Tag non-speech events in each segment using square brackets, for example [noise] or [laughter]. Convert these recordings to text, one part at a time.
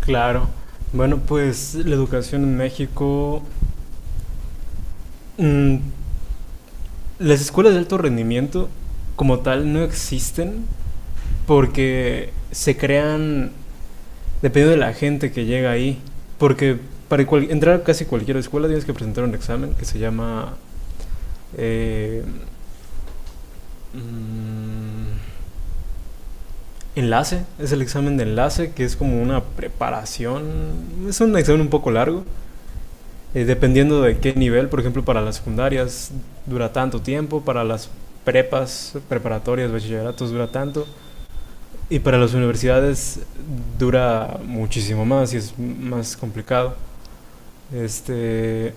Claro. Bueno, pues la educación en México, mm, las escuelas de alto rendimiento como tal no existen porque se crean dependiendo de la gente que llega ahí. Porque entrar a casi cualquier escuela tienes que presentar un examen que se llama eh, mm, enlace. Es el examen de enlace que es como una preparación. Es un examen un poco largo dependiendo de qué nivel, por ejemplo, para las secundarias dura tanto tiempo, para las prepas, preparatorias, bachilleratos dura tanto, y para las universidades dura muchísimo más y es más complicado. Este,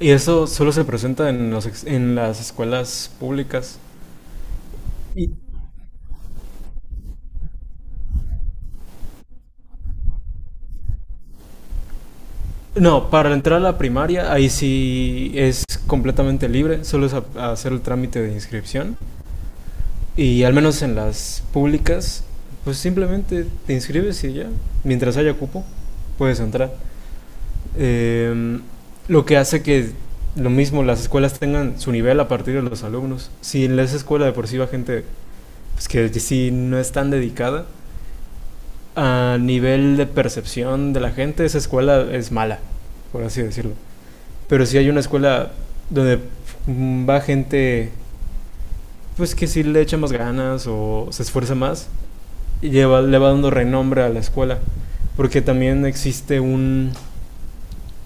y eso solo se presenta en, en las escuelas públicas. Y, no, para entrar a la primaria ahí sí es completamente libre, solo es hacer el trámite de inscripción. Y al menos en las públicas, pues simplemente te inscribes y ya, mientras haya cupo, puedes entrar. Eh, lo que hace que lo mismo las escuelas tengan su nivel a partir de los alumnos. Si en esa escuela de por sí va gente pues, que sí no es tan dedicada, a nivel de percepción de la gente, esa escuela es mala, por así decirlo. Pero si hay una escuela donde va gente pues que sí le echa más ganas o se esfuerza más, y lleva, le va dando renombre a la escuela. Porque también existe un,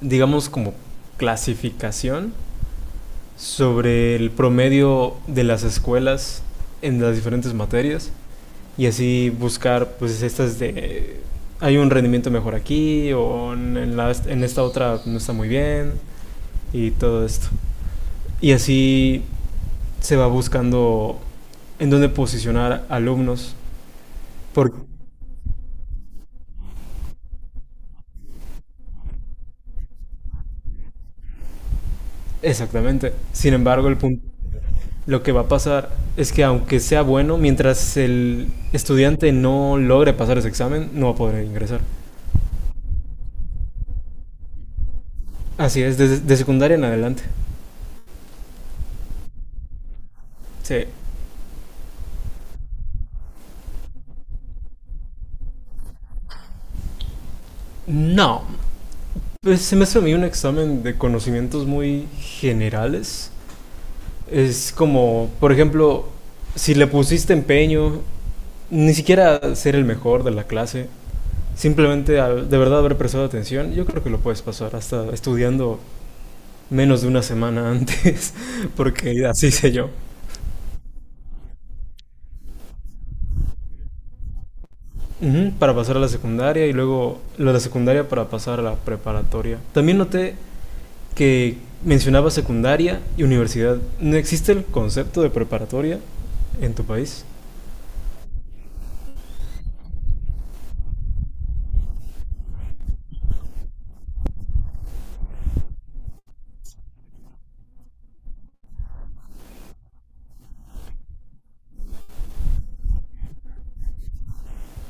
digamos, como clasificación sobre el promedio de las escuelas en las diferentes materias y así buscar pues estas de hay un rendimiento mejor aquí o en, la, en esta otra no está muy bien y todo esto y así se va buscando en dónde posicionar alumnos por exactamente, sin embargo el punto lo que va a pasar es que aunque sea bueno, mientras el estudiante no logre pasar ese examen, no va a poder ingresar. Así es, desde de secundaria en adelante. Sí. No. Pues se me hace a mí un examen de conocimientos muy generales. Es como, por ejemplo, si le pusiste empeño, ni siquiera ser el mejor de la clase, simplemente al de verdad haber prestado atención, yo creo que lo puedes pasar hasta estudiando menos de una semana antes, [laughs] porque así sé yo. Ujú, para pasar a la secundaria y luego la de secundaria para pasar a la preparatoria. También noté que mencionaba secundaria y universidad. ¿No existe el concepto de preparatoria en tu país?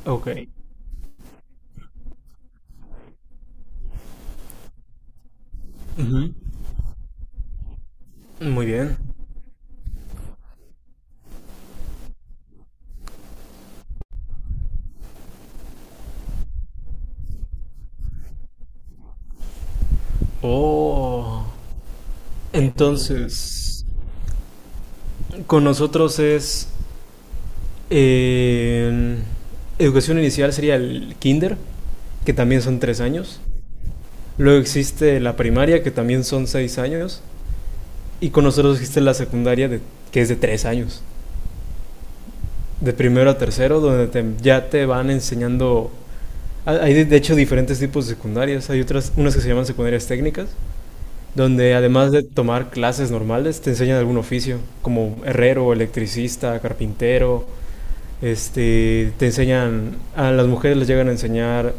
Ok. Ujú. Muy bien. Oh. Entonces, con nosotros es eh, educación inicial sería el kinder, que también son 3 años. Luego existe la primaria, que también son 6 años. Y con nosotros existe la secundaria, de, que es de 3 años, de primero a tercero, donde ya te van enseñando. Hay de hecho diferentes tipos de secundarias. Hay otras, unas que se llaman secundarias técnicas, donde además de tomar clases normales, te enseñan algún oficio, como herrero, electricista, carpintero. Este, te enseñan, a las mujeres les llegan a enseñar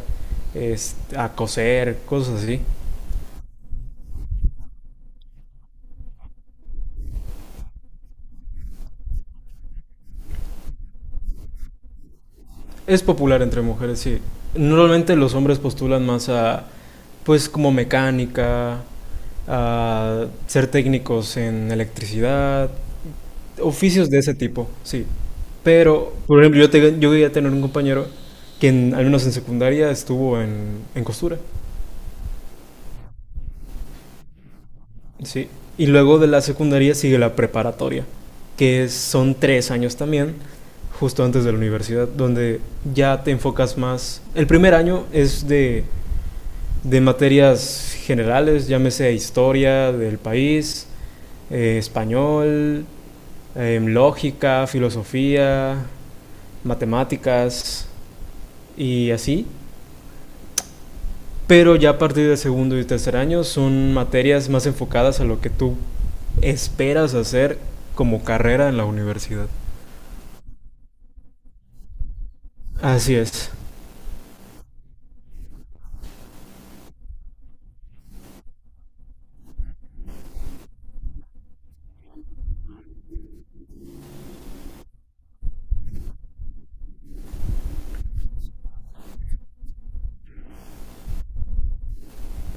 este, a coser, cosas así. Es popular entre mujeres, sí. Normalmente los hombres postulan más a, pues, como mecánica, a ser técnicos en electricidad, oficios de ese tipo, sí. Pero, por ejemplo, yo llegué a tener un compañero que, al menos en secundaria, estuvo en costura, sí. Y luego de la secundaria sigue la preparatoria, que son tres años también, justo antes de la universidad, donde ya te enfocas más. El primer año es de materias generales, llámese historia del país, español, lógica, filosofía, matemáticas y así. Pero ya a partir del segundo y tercer año son materias más enfocadas a lo que tú esperas hacer como carrera en la universidad. Así es.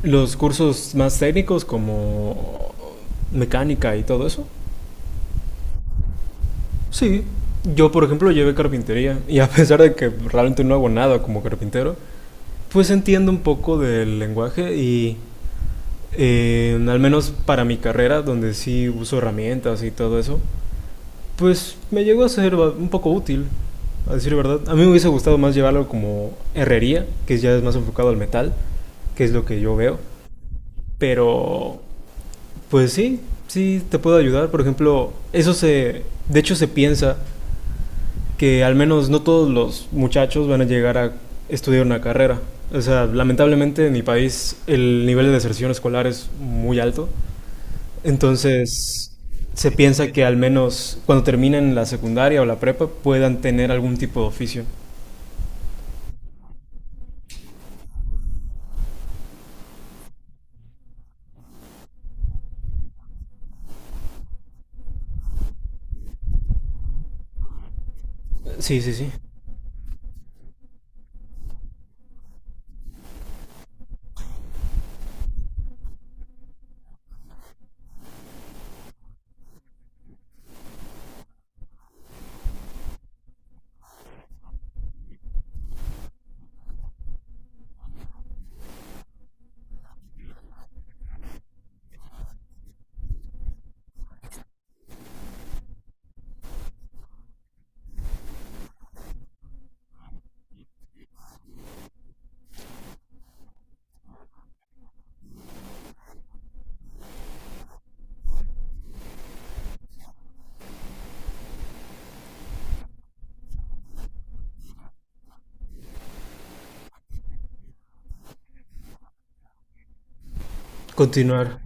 Los cursos más técnicos como mecánica y todo eso. Sí, yo por ejemplo llevé carpintería y a pesar de que realmente no hago nada como carpintero, pues entiendo un poco del lenguaje y al menos para mi carrera, donde sí uso herramientas y todo eso, pues me llegó a ser un poco útil, a decir verdad. A mí me hubiese gustado más llevarlo como herrería, que ya es más enfocado al metal, que es lo que yo veo. Pero, pues sí, sí te puedo ayudar. Por ejemplo, de hecho se piensa que al menos no todos los muchachos van a llegar a estudiar una carrera. O sea, lamentablemente en mi país el nivel de deserción escolar es muy alto. Entonces, se piensa que al menos cuando terminen la secundaria o la prepa puedan tener algún tipo de oficio. Sí, sí, sí. Continuar.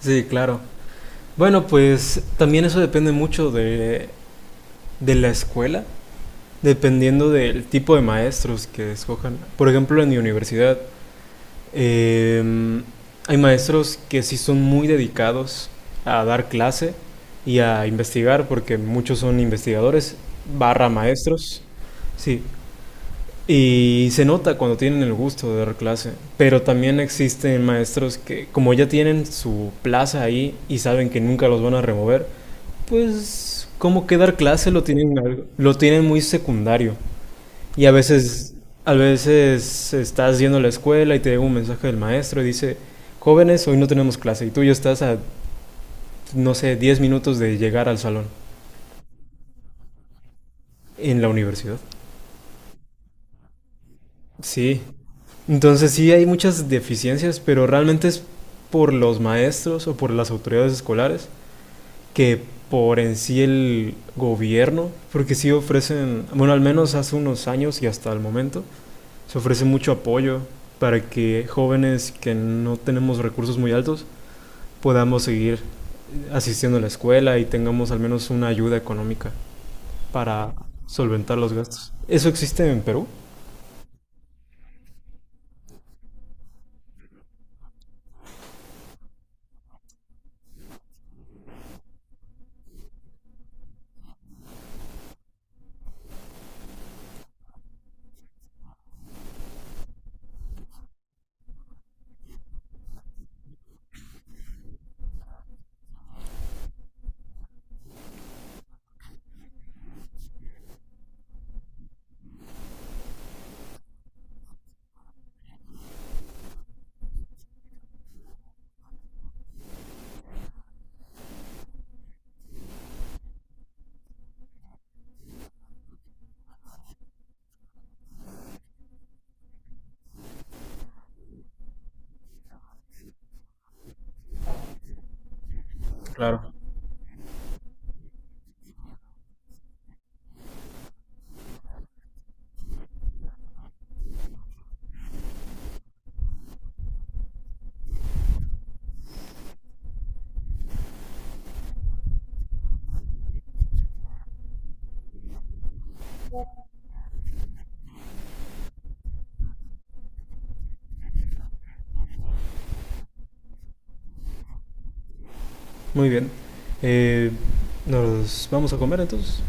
Sí, claro. Bueno, pues también eso depende mucho de la escuela, dependiendo del tipo de maestros que escojan. Por ejemplo, en mi universidad Eh, hay maestros que sí son muy dedicados a dar clase y a investigar, porque muchos son investigadores, barra maestros, sí. Y se nota cuando tienen el gusto de dar clase, pero también existen maestros que como ya tienen su plaza ahí y saben que nunca los van a remover, pues como que dar clase lo tienen, lo tienen muy secundario. Y a veces estás yendo a la escuela y te llega un mensaje del maestro y dice, jóvenes, hoy no tenemos clase. Y tú ya estás a, no sé, 10 minutos de llegar al salón en la universidad. Sí. Entonces sí hay muchas deficiencias, pero realmente es por los maestros o por las autoridades escolares que por en sí el gobierno, porque sí ofrecen, bueno, al menos hace unos años y hasta el momento, se ofrece mucho apoyo para que jóvenes que no tenemos recursos muy altos podamos seguir asistiendo a la escuela y tengamos al menos una ayuda económica para solventar los gastos. ¿Eso existe en Perú? Claro. Muy bien. Eh, ¿Nos vamos a comer entonces?